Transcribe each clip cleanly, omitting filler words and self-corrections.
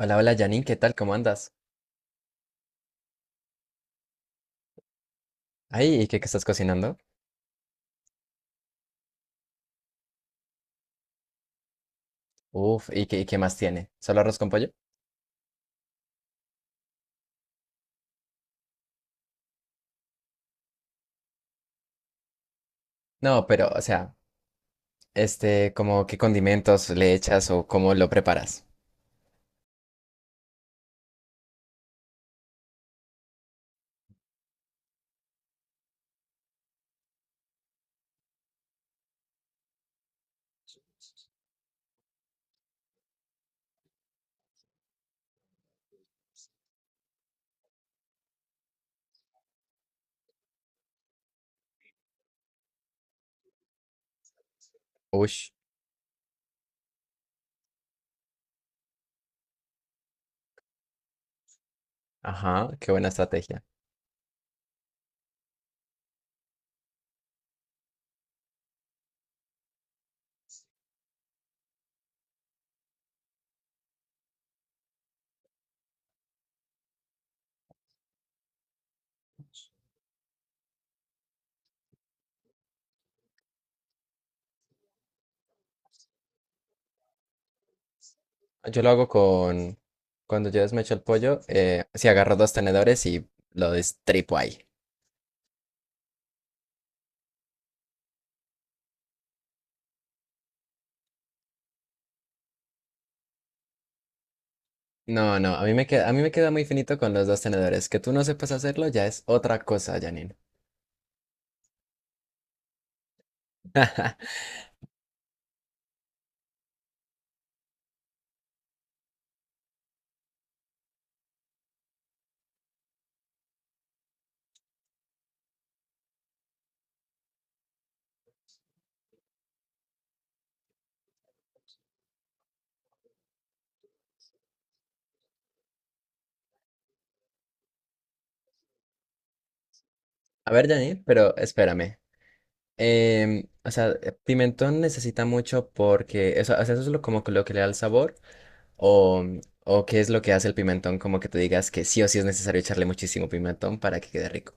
Hola, hola Janine, ¿qué tal? ¿Cómo andas? Ay, ¿y qué estás cocinando? Uf, ¿y qué más tiene? ¿Solo arroz con pollo? No, pero, o sea, este, como qué condimentos le echas o cómo lo preparas. Ush, ajá, qué buena estrategia. Yo lo hago con, cuando yo desmecho el pollo, sí agarro dos tenedores y lo destripo ahí. No, no, a mí me queda muy finito con los dos tenedores. Que tú no sepas hacerlo ya es otra cosa, Janine. A ver, Janine, pero espérame. O sea, pimentón necesita mucho porque eso, o sea, eso es lo, como que lo que le da el sabor o, o qué es lo que hace el pimentón, como que tú digas que sí o sí es necesario echarle muchísimo pimentón para que quede rico.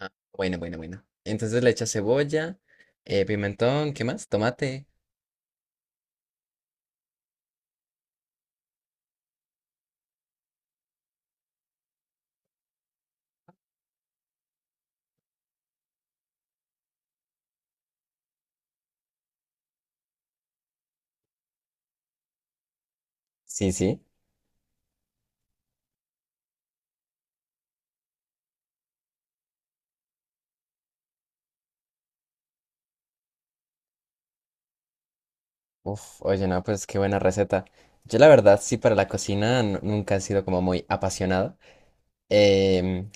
Ah, bueno, bueno, bueno. Entonces le echas cebolla, pimentón, ¿qué más? Tomate. Sí, sí. Uf, oye, no, pues qué buena receta. Yo la verdad sí para la cocina nunca he sido como muy apasionado. Em,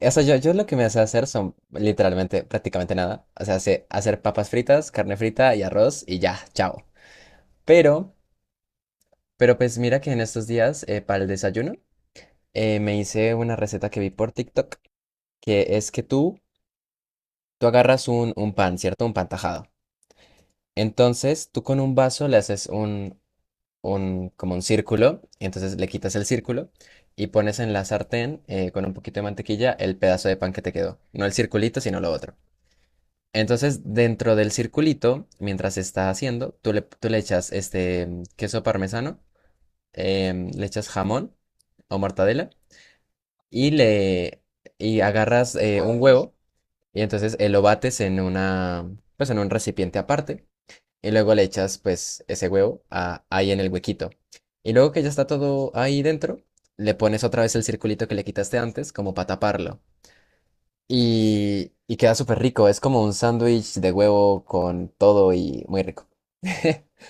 O sea, yo lo que me hace hacer son literalmente prácticamente nada. O sea, sé hacer papas fritas, carne frita y arroz y ya, chao. Pero, pero pues mira que en estos días para el desayuno me hice una receta que vi por TikTok, que es que tú agarras un pan, ¿cierto? Un pan tajado. Entonces tú con un vaso le haces como un círculo, y entonces le quitas el círculo y pones en la sartén con un poquito de mantequilla el pedazo de pan que te quedó. No el circulito, sino lo otro. Entonces, dentro del circulito, mientras se está haciendo, tú le echas este queso parmesano, le echas jamón o mortadela y le y agarras un huevo y entonces lo bates en una pues en un recipiente aparte y luego le echas pues ese huevo ahí en el huequito. Y luego que ya está todo ahí dentro, le pones otra vez el circulito que le quitaste antes como para taparlo y queda súper rico. Es como un sándwich de huevo con todo y muy rico.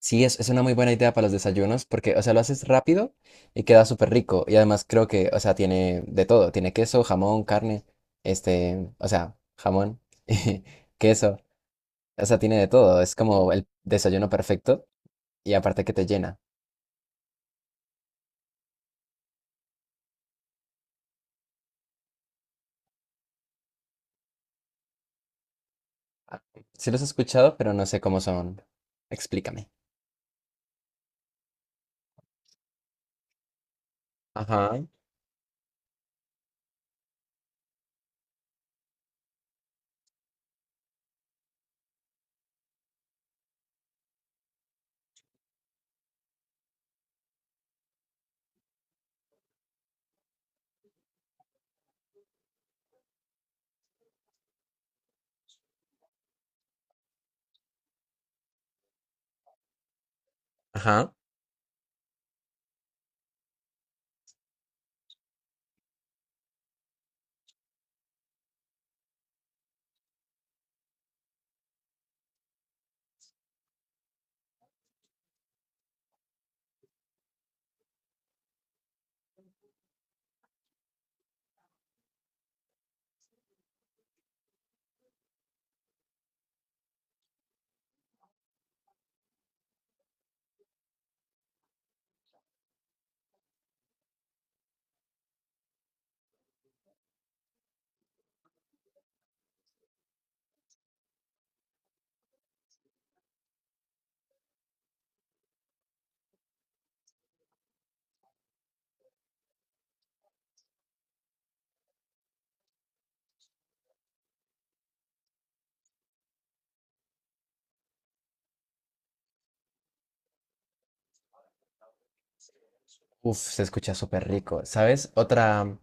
Sí, es una muy buena idea para los desayunos porque, o sea, lo haces rápido y queda súper rico. Y además creo que, o sea, tiene de todo. Tiene queso, jamón, carne, este, o sea, jamón, y queso. O sea, tiene de todo. Es como el desayuno perfecto y aparte que te llena. Ah, sí los he escuchado, pero no sé cómo son. Explícame. Ajá, ajá. Uf, se escucha súper rico. ¿Sabes?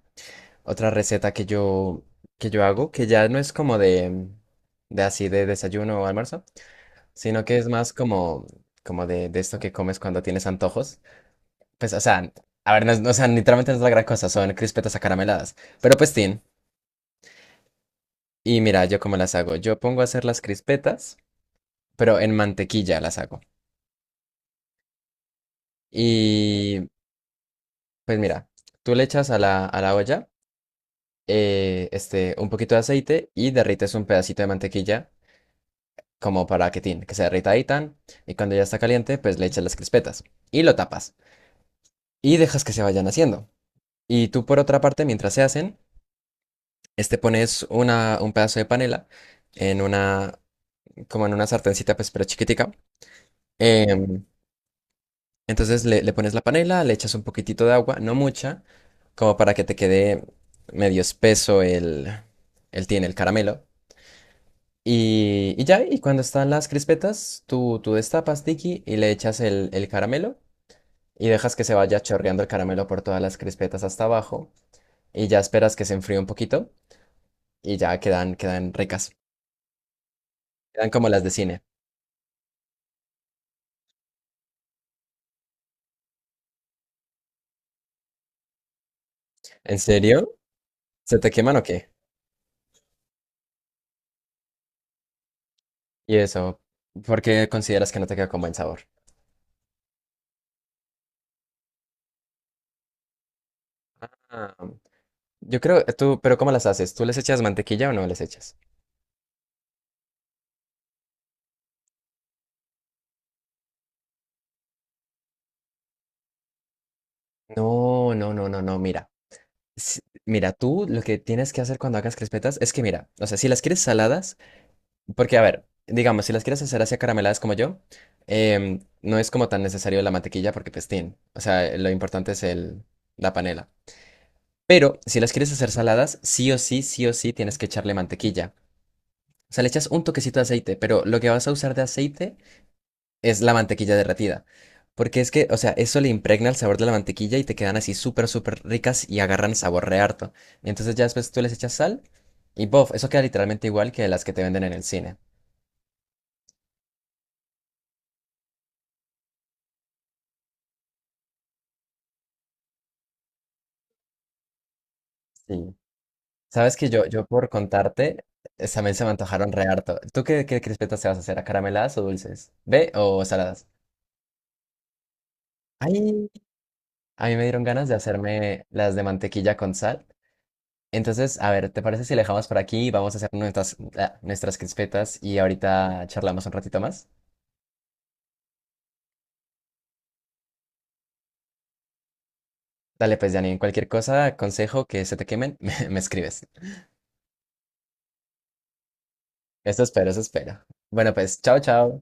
Otra receta que yo hago, que ya no es como de así de desayuno o almuerzo, sino que es más como, como de esto que comes cuando tienes antojos. Pues, o sea, a ver, no, no, o sea, literalmente no es la gran cosa, son crispetas acarameladas. Pero pues, tin. Y mira, yo cómo las hago. Yo pongo a hacer las crispetas, pero en mantequilla las hago. Y pues mira, tú le echas a a la olla este, un poquito de aceite y derrites un pedacito de mantequilla como para que, tin, que se derrita ahí tan, y cuando ya está caliente, pues le echas las crispetas y lo tapas y dejas que se vayan haciendo. Y tú por otra parte, mientras se hacen, este pones un pedazo de panela en como en una sartencita, pues pero chiquitica. Em, entonces le pones la panela, le echas un poquitito de agua, no mucha, como para que te quede medio espeso el tin, el caramelo. Y ya, y cuando están las crispetas, tú destapas, Tiki, y le echas el caramelo y dejas que se vaya chorreando el caramelo por todas las crispetas hasta abajo y ya esperas que se enfríe un poquito y ya quedan, quedan ricas. Quedan como las de cine. ¿En serio? ¿Se te queman o qué? Y eso, ¿por qué consideras que no te queda con buen sabor? Ah, yo creo, tú, pero ¿cómo las haces? ¿Tú les echas mantequilla o no les echas? No, no, no, no, no, mira. si- Mira, tú lo que tienes que hacer cuando hagas crispetas es que, mira, o sea, si las quieres saladas, porque, a ver, digamos, si las quieres hacer así carameladas como yo, no es como tan necesario la mantequilla porque pestín. O sea, lo importante es el, la panela. Pero si las quieres hacer saladas, sí o sí tienes que echarle mantequilla. O sea, le echas un toquecito de aceite, pero lo que vas a usar de aceite es la mantequilla derretida. Porque es que, o sea, eso le impregna el sabor de la mantequilla y te quedan así súper, súper ricas y agarran sabor re harto. Y entonces ya después tú les echas sal y bof, eso queda literalmente igual que las que te venden en el cine. Sí. Sabes que yo por contarte, también se me antojaron re harto. ¿Tú qué crispetas te vas a hacer? ¿A carameladas o dulces? ¿Ve o saladas? Ay, a mí me dieron ganas de hacerme las de mantequilla con sal. Entonces, a ver, ¿te parece si la dejamos por aquí? Vamos a hacer nuestras, ah, nuestras crispetas y ahorita charlamos un ratito más. Dale, pues, Janine, cualquier cosa, consejo que se te quemen, me escribes. Eso espero, eso espero. Bueno, pues, chao, chao.